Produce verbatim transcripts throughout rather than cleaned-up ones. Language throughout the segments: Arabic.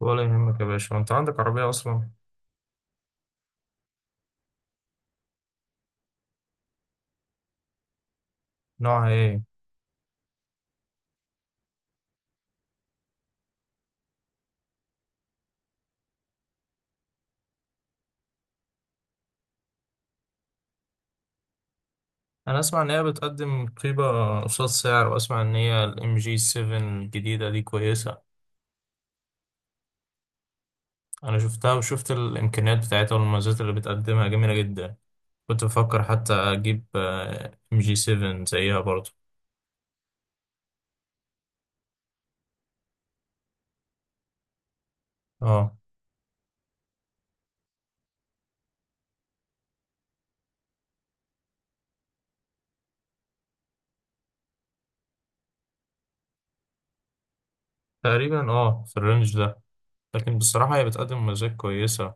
ولا يهمك يا باشا. انت عندك عربية اصلا؟ نوعها ايه؟ انا اسمع ان هي بتقدم قيمة قصاد سعر، واسمع ان هي الام جي سبعة الجديدة دي كويسة. انا شفتها وشفت الامكانيات بتاعتها، والمميزات اللي بتقدمها جميلة جدا. كنت بفكر حتى اجيب ام جي سبعة زيها برضو. اه، تقريبا اه في الرينج ده. لكن بصراحة هي بتقدم مميزات كويسة.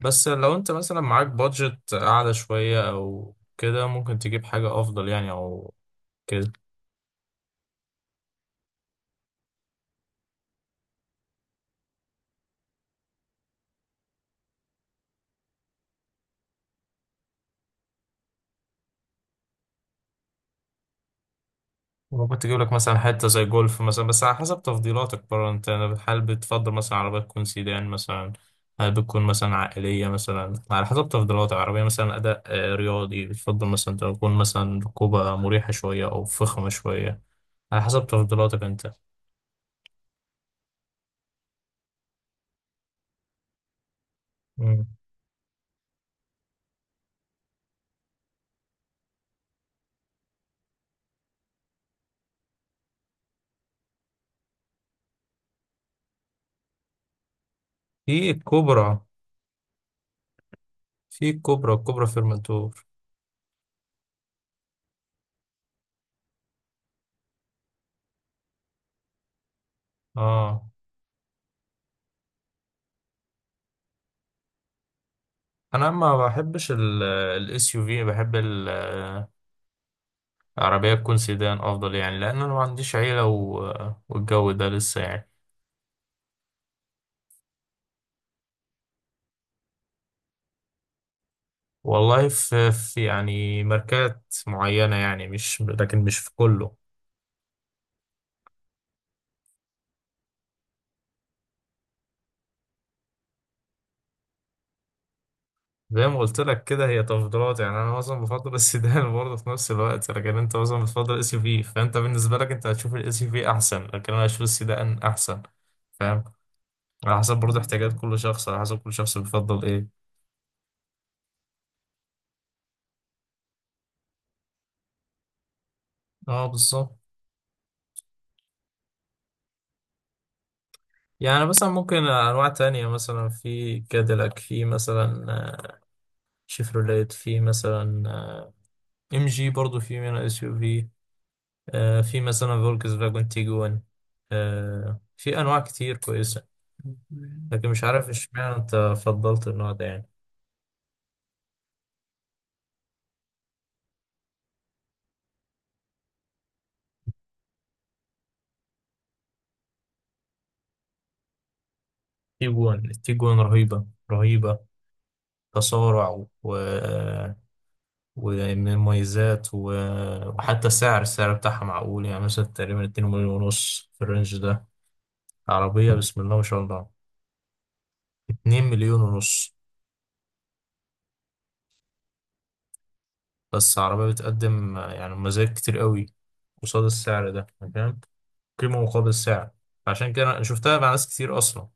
بس لو انت مثلا معاك بادجت اعلى شوية او كده، ممكن تجيب حاجة افضل يعني او كده. ممكن تجيب لك مثلا حتة زي جولف مثلا، بس على حسب تفضيلاتك برضه. انت هل بتفضل مثلا عربية تكون سيدان مثلا؟ هل بتكون مثلا عائلية مثلا؟ على حسب تفضيلاتك، عربية مثلا أداء آه، رياضي، بتفضل مثلا تكون مثلا ركوبة مريحة شوية أو فخمة شوية. على حسب تفضيلاتك انت. مم. في الكوبرا، في الكوبرا الكوبرا فيرمنتور. اه، انا ما بحبش الاس يو في، بحب عربية تكون سيدان أفضل يعني، لأن أنا ما عنديش عيلة و... والجو ده لسه يعني. والله في, في يعني ماركات معينة يعني، مش لكن مش في كله. زي ما قلت لك كده، هي تفضيلات يعني. أنا مثلا بفضل السيدان برضه في نفس الوقت، لكن أنت مثلا بتفضل الاس يو في، فأنت بالنسبة لك أنت هتشوف الاس يو في أحسن، لكن أنا هشوف السيدان أحسن. فاهم؟ على حسب برضه احتياجات كل شخص، على حسب كل شخص بيفضل إيه. أه، بالظبط. يعني مثلا ممكن أنواع تانية، مثلا في كاديلاك، في مثلا شيفروليت، في مثلا آه، ام جي برضو في منها اس يو في، آه، في مثلا فولكس فاجون تيجوان، آه، في انواع كتير كويسه. لكن مش عارف اشمعنى انت فضلت النوع ده يعني. تيجوان التيجوان رهيبه رهيبه. تسارع و ومن مميزات و... وحتى سعر السعر بتاعها معقول، يعني مثلا تقريبا اتنين مليون ونص مليون ونص في الرينج ده. عربية بسم الله ما شاء الله. اتنين مليون ونص مليون ونص. بس عربية بتقدم آه، يعني مزايا كتير قوي قصاد السعر ده، يعني فاهم، قيمة مقابل سعر. فعشان كده أنا شفتها مع ناس كتير أصلا،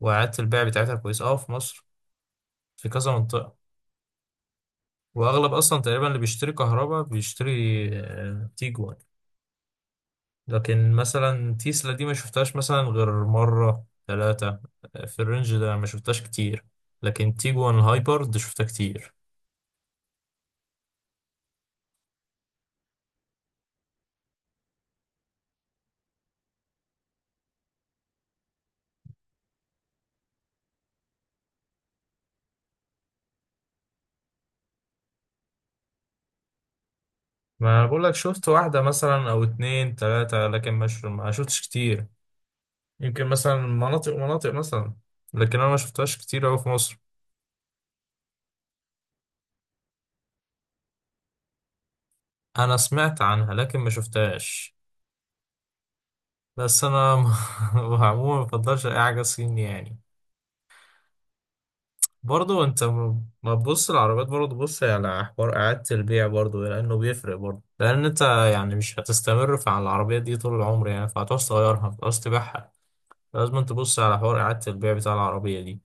وإعادة البيع بتاعتها كويسة أه في مصر، في كذا منطقة. وأغلب أصلا تقريبا اللي بيشتري كهرباء بيشتري آه، تيجوان. لكن مثلا تيسلا دي ما شفتهاش مثلا غير مرة ثلاثة، في الرينج ده ما شفتهاش كتير. لكن تيجوان الهايبر دي شفتها كتير. ما بقول لك، شفت واحدة مثلا أو اتنين تلاتة، لكن مش، ما شفتش كتير. يمكن مثلا مناطق ومناطق مثلا، لكن أنا ما شفتهاش كتير أوي في مصر. أنا سمعت عنها لكن ما شفتهاش. بس أنا م- عموما ما بفضلش أي حاجة صيني يعني. برضو أنت م- ما تبص العربيات، برضو بص على حوار إعادة البيع، برضو لأنه بيفرق، برضو لأن أنت يعني مش هتستمر في على العربية دي طول العمر يعني. فهتعوز تغيرها، هتعوز تبيعها. لازم تبص على حوار إعادة البيع بتاع العربية دي.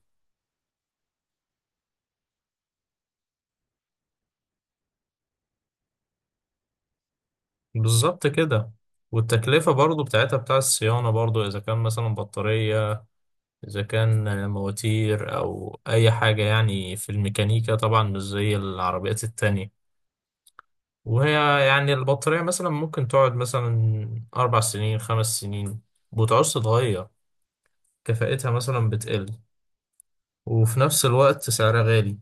بالظبط كده. والتكلفة برضو بتاعتها، بتاع الصيانة برضو، إذا كان مثلا بطارية، إذا كان مواتير، أو أي حاجة يعني في الميكانيكا. طبعا مش زي العربيات التانية. وهي يعني البطارية مثلا ممكن تقعد مثلا أربع سنين خمس سنين ومبتعوزش تتغير. كفاءتها مثلا بتقل، وفي نفس الوقت سعرها غالي.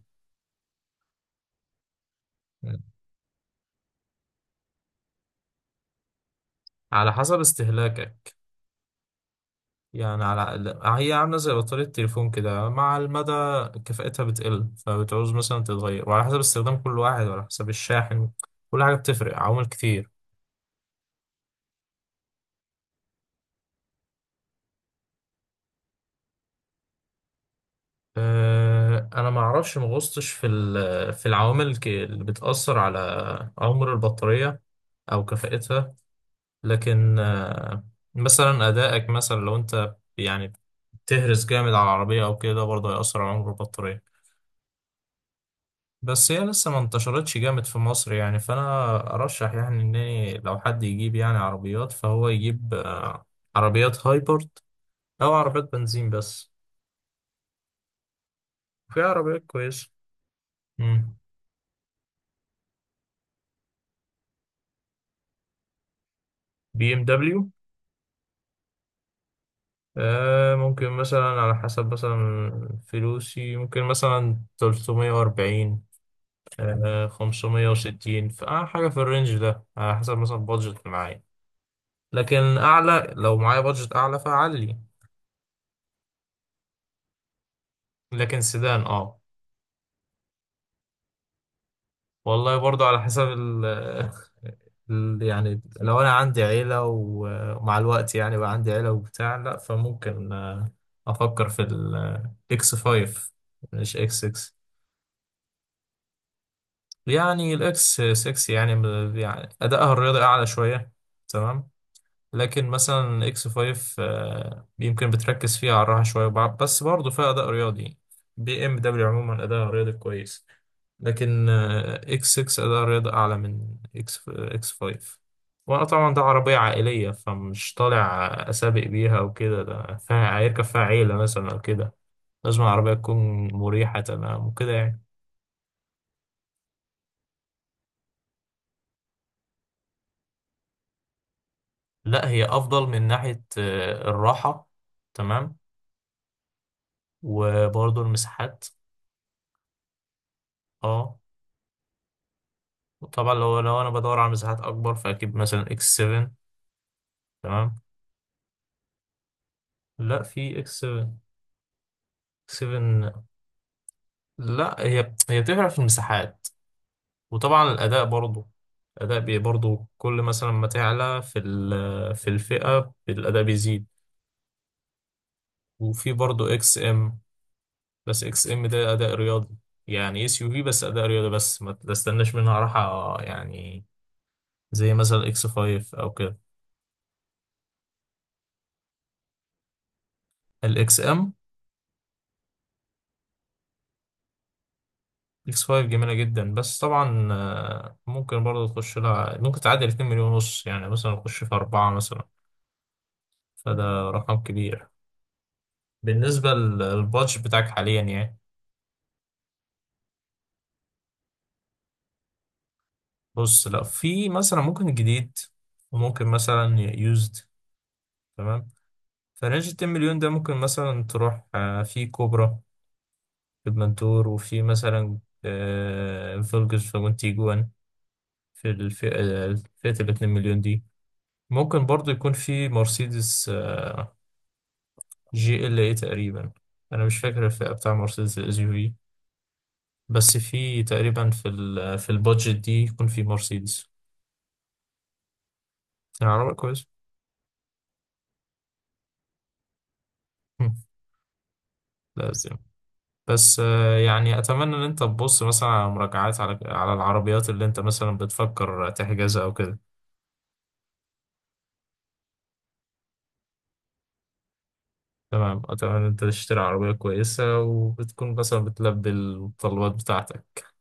على حسب استهلاكك. يعني على هي عاملة زي بطارية التليفون كده. مع المدى كفاءتها بتقل، فبتعوز مثلا تتغير. وعلى حسب استخدام كل واحد، وعلى حسب الشاحن، كل حاجة بتفرق، عوامل كتير. أه، انا ما اعرفش، ما غصتش في ال- في العوامل الك- اللي بتأثر على عمر البطارية او كفاءتها. لكن أه، مثلا ادائك، مثلا لو انت يعني بتهرس جامد على العربية او كده، برضه هيأثر على عمر البطارية. بس هي لسه ما انتشرتش جامد في مصر يعني، فانا ارشح يعني ان لو حد يجيب يعني عربيات، فهو يجيب أه، عربيات هايبرد او عربيات بنزين بس. في عربيات كويسة. بي ام دبليو؟ آه، ممكن مثلا على حسب مثلا فلوسي، ممكن مثلا ثلاثمائة وأربعين، آه خمسمائة وستين، فحاجة في الرينج ده، على حسب مثلا بادجت اللي معايا. لكن أعلى، لو معايا بادجت أعلى فأعلي. لكن سيدان، اه. والله برضو على حسب ال ال- يعني لو أنا عندي عيلة و- ومع الوقت يعني بقى عندي عيلة وبتاع، لأ، فممكن آه، أفكر في الإكس خمسة، مش إكس ستة. يعني الاكس ستة يعني ب- يعني ادائها الرياضي اعلى شويه، تمام. لكن مثلا الاكس خمسة آه، يمكن بتركز فيها على الراحه شويه، وبع- بس برضه فيها اداء رياضي. بي ام دبليو عموما اداء رياضي كويس، لكن آه، اكس ستة اداء رياضي اعلى من اكس آه، اكس خمسة. وانا طبعا ده عربيه عائليه، فمش طالع اسابق بيها وكده، ده فيها هيركب فيها عيله مثلا او كده. لازم العربيه تكون مريحه تمام وكده يعني. لا، هي افضل من ناحية آه، الراحة، تمام. وبرضه المساحات. اه. وطبعا لو لو انا بدور على مساحات اكبر، فاكيد مثلا اكس سبعة، تمام. لا، في اكس سبعة سبعة. لا، هي هي بتفرق في المساحات، وطبعا الاداء برضه. الاداء بي برضه كل مثلا ما تعلى في ال- في الفئة الاداء بيزيد. وفي برضه اكس ام، بس اكس ام ده اداء رياضي، يعني اس يو في بس اداء رياضي، بس ما تستناش منها راحة يعني، زي مثلا اكس خمسة او كده. الاكس ام، اكس خمسة جميله جدا، بس طبعا آه، ممكن برضه تخش لها ممكن تعدي اتنين مليون ونص، يعني مثلا تخش في اربعه مثلا، فده رقم كبير بالنسبه للبادج بتاعك حاليا يعني. بص، لا، في مثلا ممكن جديد وممكن مثلا يوزد، تمام. فرنج اتنين مليون ده ممكن مثلا تروح آه، في كوبرا في المنتور، وفي مثلا آه، فولكس فاجون تيجوان، في الفئة، فئة ال اثنين مليون دي. ممكن برضو يكون في مرسيدس آه، جي ال اي تقريبا، انا مش فاكر الفئة بتاع مرسيدس الاس يو في، بس في تقريبا في ال في البادجت دي يكون في مرسيدس. العربية كويس. هم، لازم. بس آه، يعني اتمنى ان انت تبص مثلا على مراجعات، على على العربيات اللي انت مثلا بتفكر تحجزها او كده. تمام، اتمنى ان انت تشتري عربية كويسة وبتكون مثلا بتلبي الطلبات بتاعتك.